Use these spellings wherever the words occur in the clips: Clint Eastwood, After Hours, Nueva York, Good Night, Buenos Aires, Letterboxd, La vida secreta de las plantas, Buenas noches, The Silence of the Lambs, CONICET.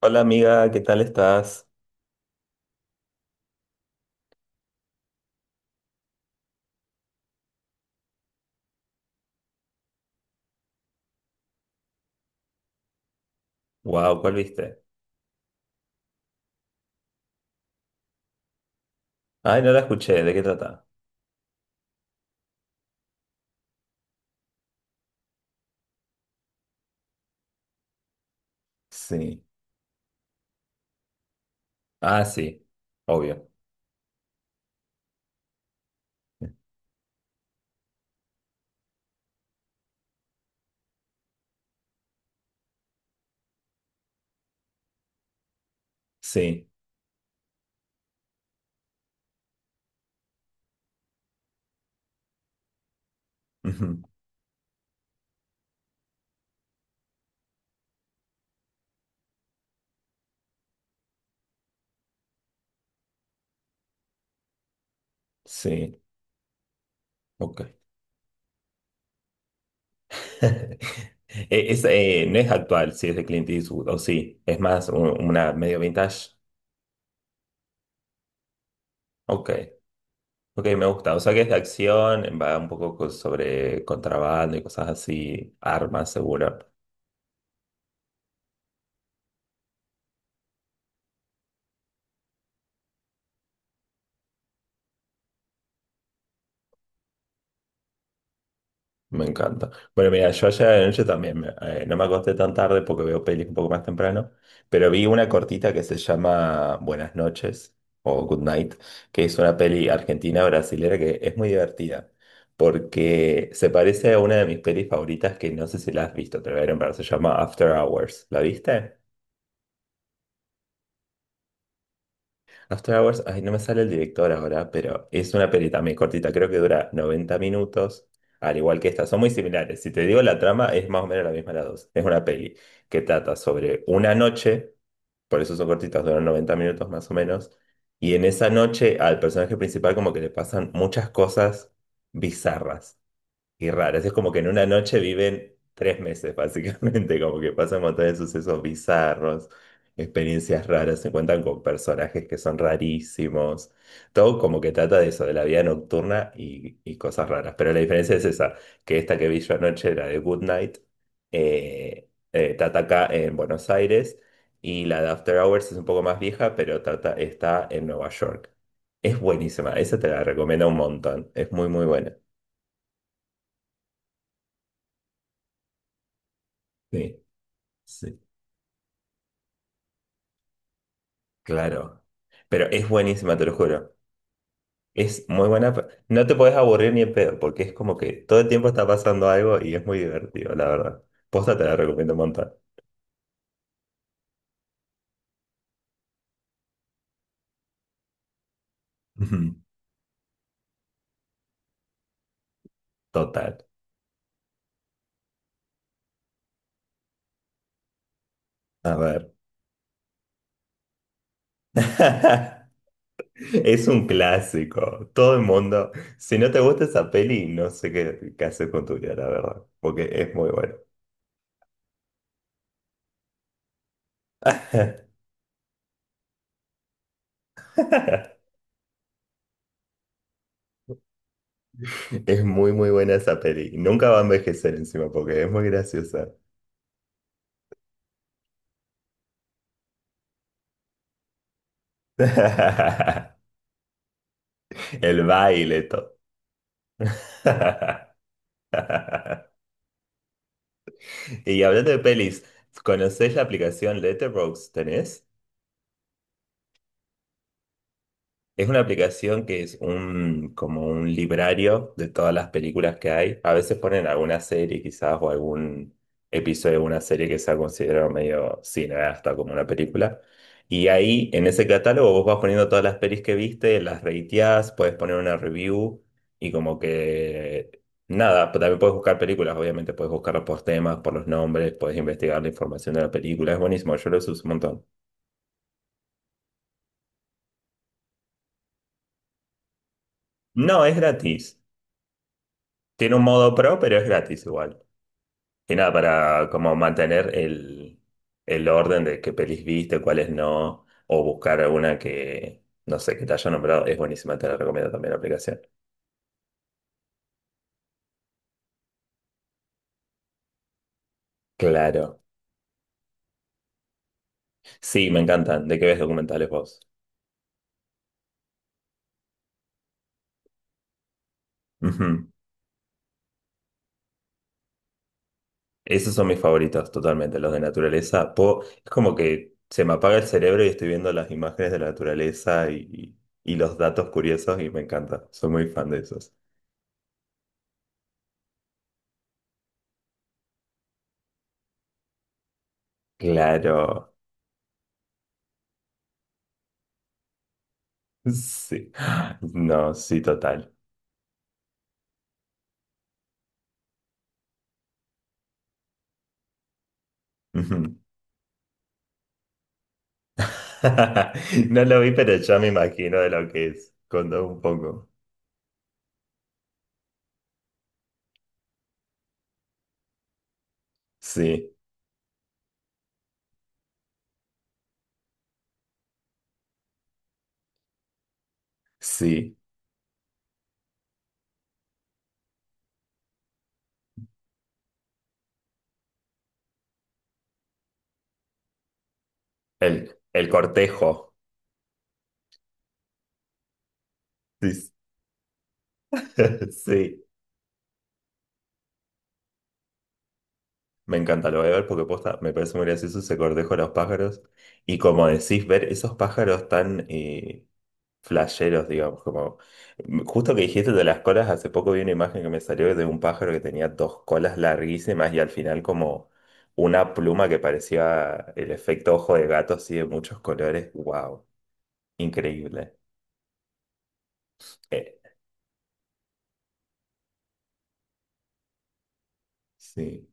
Hola amiga, ¿qué tal estás? Wow, ¿cuál viste? Ay, no la escuché, ¿de qué trata? Sí. Ah, sí, obvio. Sí. Ujú. Sí, ok. No es actual, sí, es de Clint Eastwood, o sí, es más una medio vintage. Ok, ok, me gusta. O sea que es de acción, va un poco sobre contrabando y cosas así, armas, seguro. Me encanta. Bueno, mira, yo ayer de noche también, no me acosté tan tarde porque veo pelis un poco más temprano, pero vi una cortita que se llama Buenas noches o Good Night, que es una peli argentina brasilera que es muy divertida, porque se parece a una de mis pelis favoritas que no sé si la has visto, te la voy a nombrar, se llama After Hours. ¿La viste? After Hours, ay, no me sale el director ahora, pero es una peli también cortita, creo que dura 90 minutos, al igual que esta, son muy similares. Si te digo la trama, es más o menos la misma la dos. Es una peli que trata sobre una noche, por eso son cortitas, duran 90 minutos más o menos, y en esa noche al personaje principal como que le pasan muchas cosas bizarras. Y raras, es como que en una noche viven 3 meses, básicamente, como que pasan un montón de sucesos bizarros, experiencias raras, se encuentran con personajes que son rarísimos, todo como que trata de eso, de la vida nocturna y cosas raras. Pero la diferencia es esa, que esta que vi yo anoche, la de Good Night, trata acá en Buenos Aires y la de After Hours es un poco más vieja, pero trata, está en Nueva York. Es buenísima, esa te la recomiendo un montón, es muy, muy buena. Sí. Sí. Claro, pero es buenísima, te lo juro. Es muy buena. No te podés aburrir ni en pedo, porque es como que todo el tiempo está pasando algo y es muy divertido, la verdad. Posta te la recomiendo un montón. Ujú, total. A ver. Es un clásico. Todo el mundo. Si no te gusta esa peli, no sé qué, qué hacer con tu vida, la verdad. Porque es muy buena. Es muy, muy buena esa peli. Nunca va a envejecer encima porque es muy graciosa. El baile. Y hablando de pelis, ¿conocés la aplicación Letterboxd? ¿Tenés? Es una aplicación que es como un librario de todas las películas que hay. A veces ponen alguna serie quizás o algún episodio de una serie que se ha considerado medio cineasta como una película. Y ahí en ese catálogo vos vas poniendo todas las pelis que viste, las rateás, puedes poner una review y como que nada, pero también puedes buscar películas, obviamente puedes buscarlas por temas, por los nombres, puedes investigar la información de la película. Es buenísimo, yo lo uso un montón. No, es gratis. Tiene un modo pro, pero es gratis igual. Y nada, para como mantener el orden de qué pelis viste, cuáles no, o buscar alguna que, no sé, que te haya nombrado, es buenísima, te la recomiendo también la aplicación. Claro. Sí, me encantan. ¿De qué ves documentales vos? Ujú. Esos son mis favoritos, totalmente, los de naturaleza. Es como que se me apaga el cerebro y estoy viendo las imágenes de la naturaleza y los datos curiosos y me encanta. Soy muy fan de esos. Claro. Sí. No, sí, total. Ujú. No lo vi, pero ya me imagino de lo que es. Contó un poco. Sí, sí. El cortejo. Sí, sí. Sí. Me encanta, lo voy a ver porque posta, me parece muy gracioso ese cortejo de los pájaros. Y como decís, ver esos pájaros tan, flasheros, digamos, como justo que dijiste de las colas, hace poco vi una imagen que me salió de un pájaro que tenía dos colas larguísimas y al final como una pluma que parecía el efecto ojo de gato así de muchos colores. Wow, increíble. Eh, sí,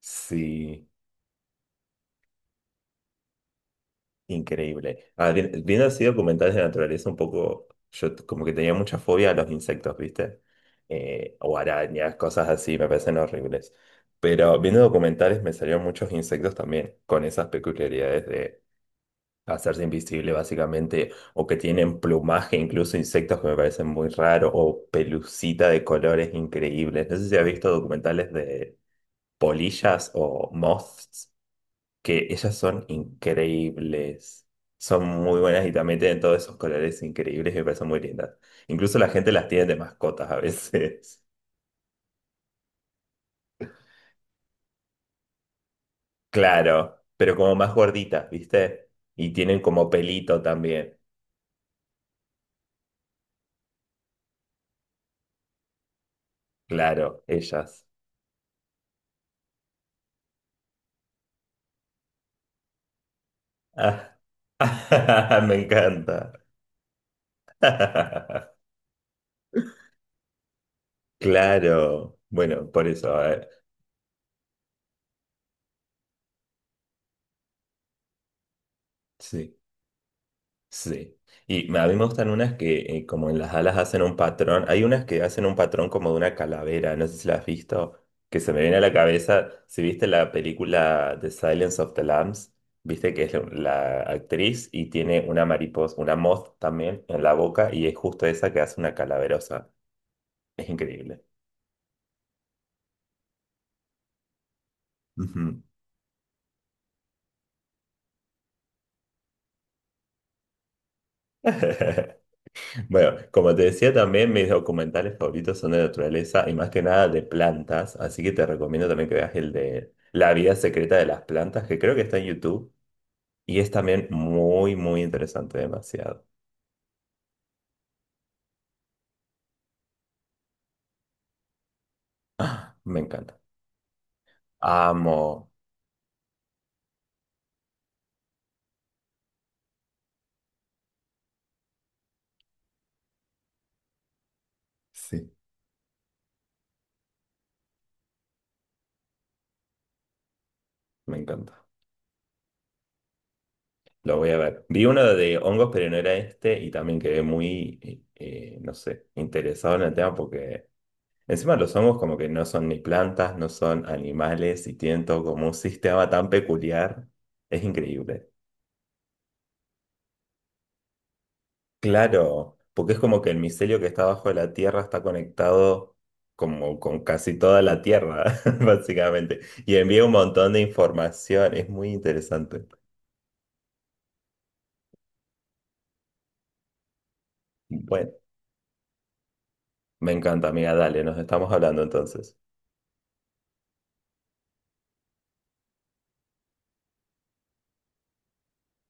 sí. Increíble. Ah, viendo así documentales de naturaleza, un poco, como que tenía mucha fobia a los insectos, ¿viste? O arañas, cosas así, me parecen horribles. Pero viendo documentales me salieron muchos insectos también, con esas peculiaridades de hacerse invisible, básicamente, o que tienen plumaje, incluso insectos que me parecen muy raros, o pelucita de colores increíbles. No sé si has visto documentales de polillas o moths que ellas son increíbles. Son muy buenas y también tienen todos esos colores increíbles y me parecen muy lindas. Incluso la gente las tiene de mascotas a veces. Claro, pero como más gorditas, ¿viste? Y tienen como pelito también. Claro, ellas. Ah. Me encanta. Claro. Bueno, por eso, a ver. Sí. Sí. Y a mí me gustan unas que como en las alas hacen un patrón. Hay unas que hacen un patrón como de una calavera, no sé si la has visto, que se me viene a la cabeza. Si viste la película The Silence of the Lambs, viste que es la actriz y tiene una mariposa, una moth también en la boca y es justo esa que hace una calaverosa. Es increíble. Ujú. Bueno, como te decía también, mis documentales favoritos son de naturaleza y más que nada de plantas, así que te recomiendo también que veas el de La vida secreta de las plantas, que creo que está en YouTube y es también muy, muy interesante, demasiado. Me encanta. Amo. Sí, me encanta. Lo voy a ver. Vi uno de hongos, pero no era este y también quedé muy, no sé, interesado en el tema porque... Encima los hongos como que no son ni plantas, no son animales y tienen todo como un sistema tan peculiar. Es increíble. Claro, porque es como que el micelio que está bajo la tierra está conectado como con casi toda la tierra, básicamente. Y envía un montón de información. Es muy interesante. Bueno, me encanta, amiga. Dale, nos estamos hablando entonces.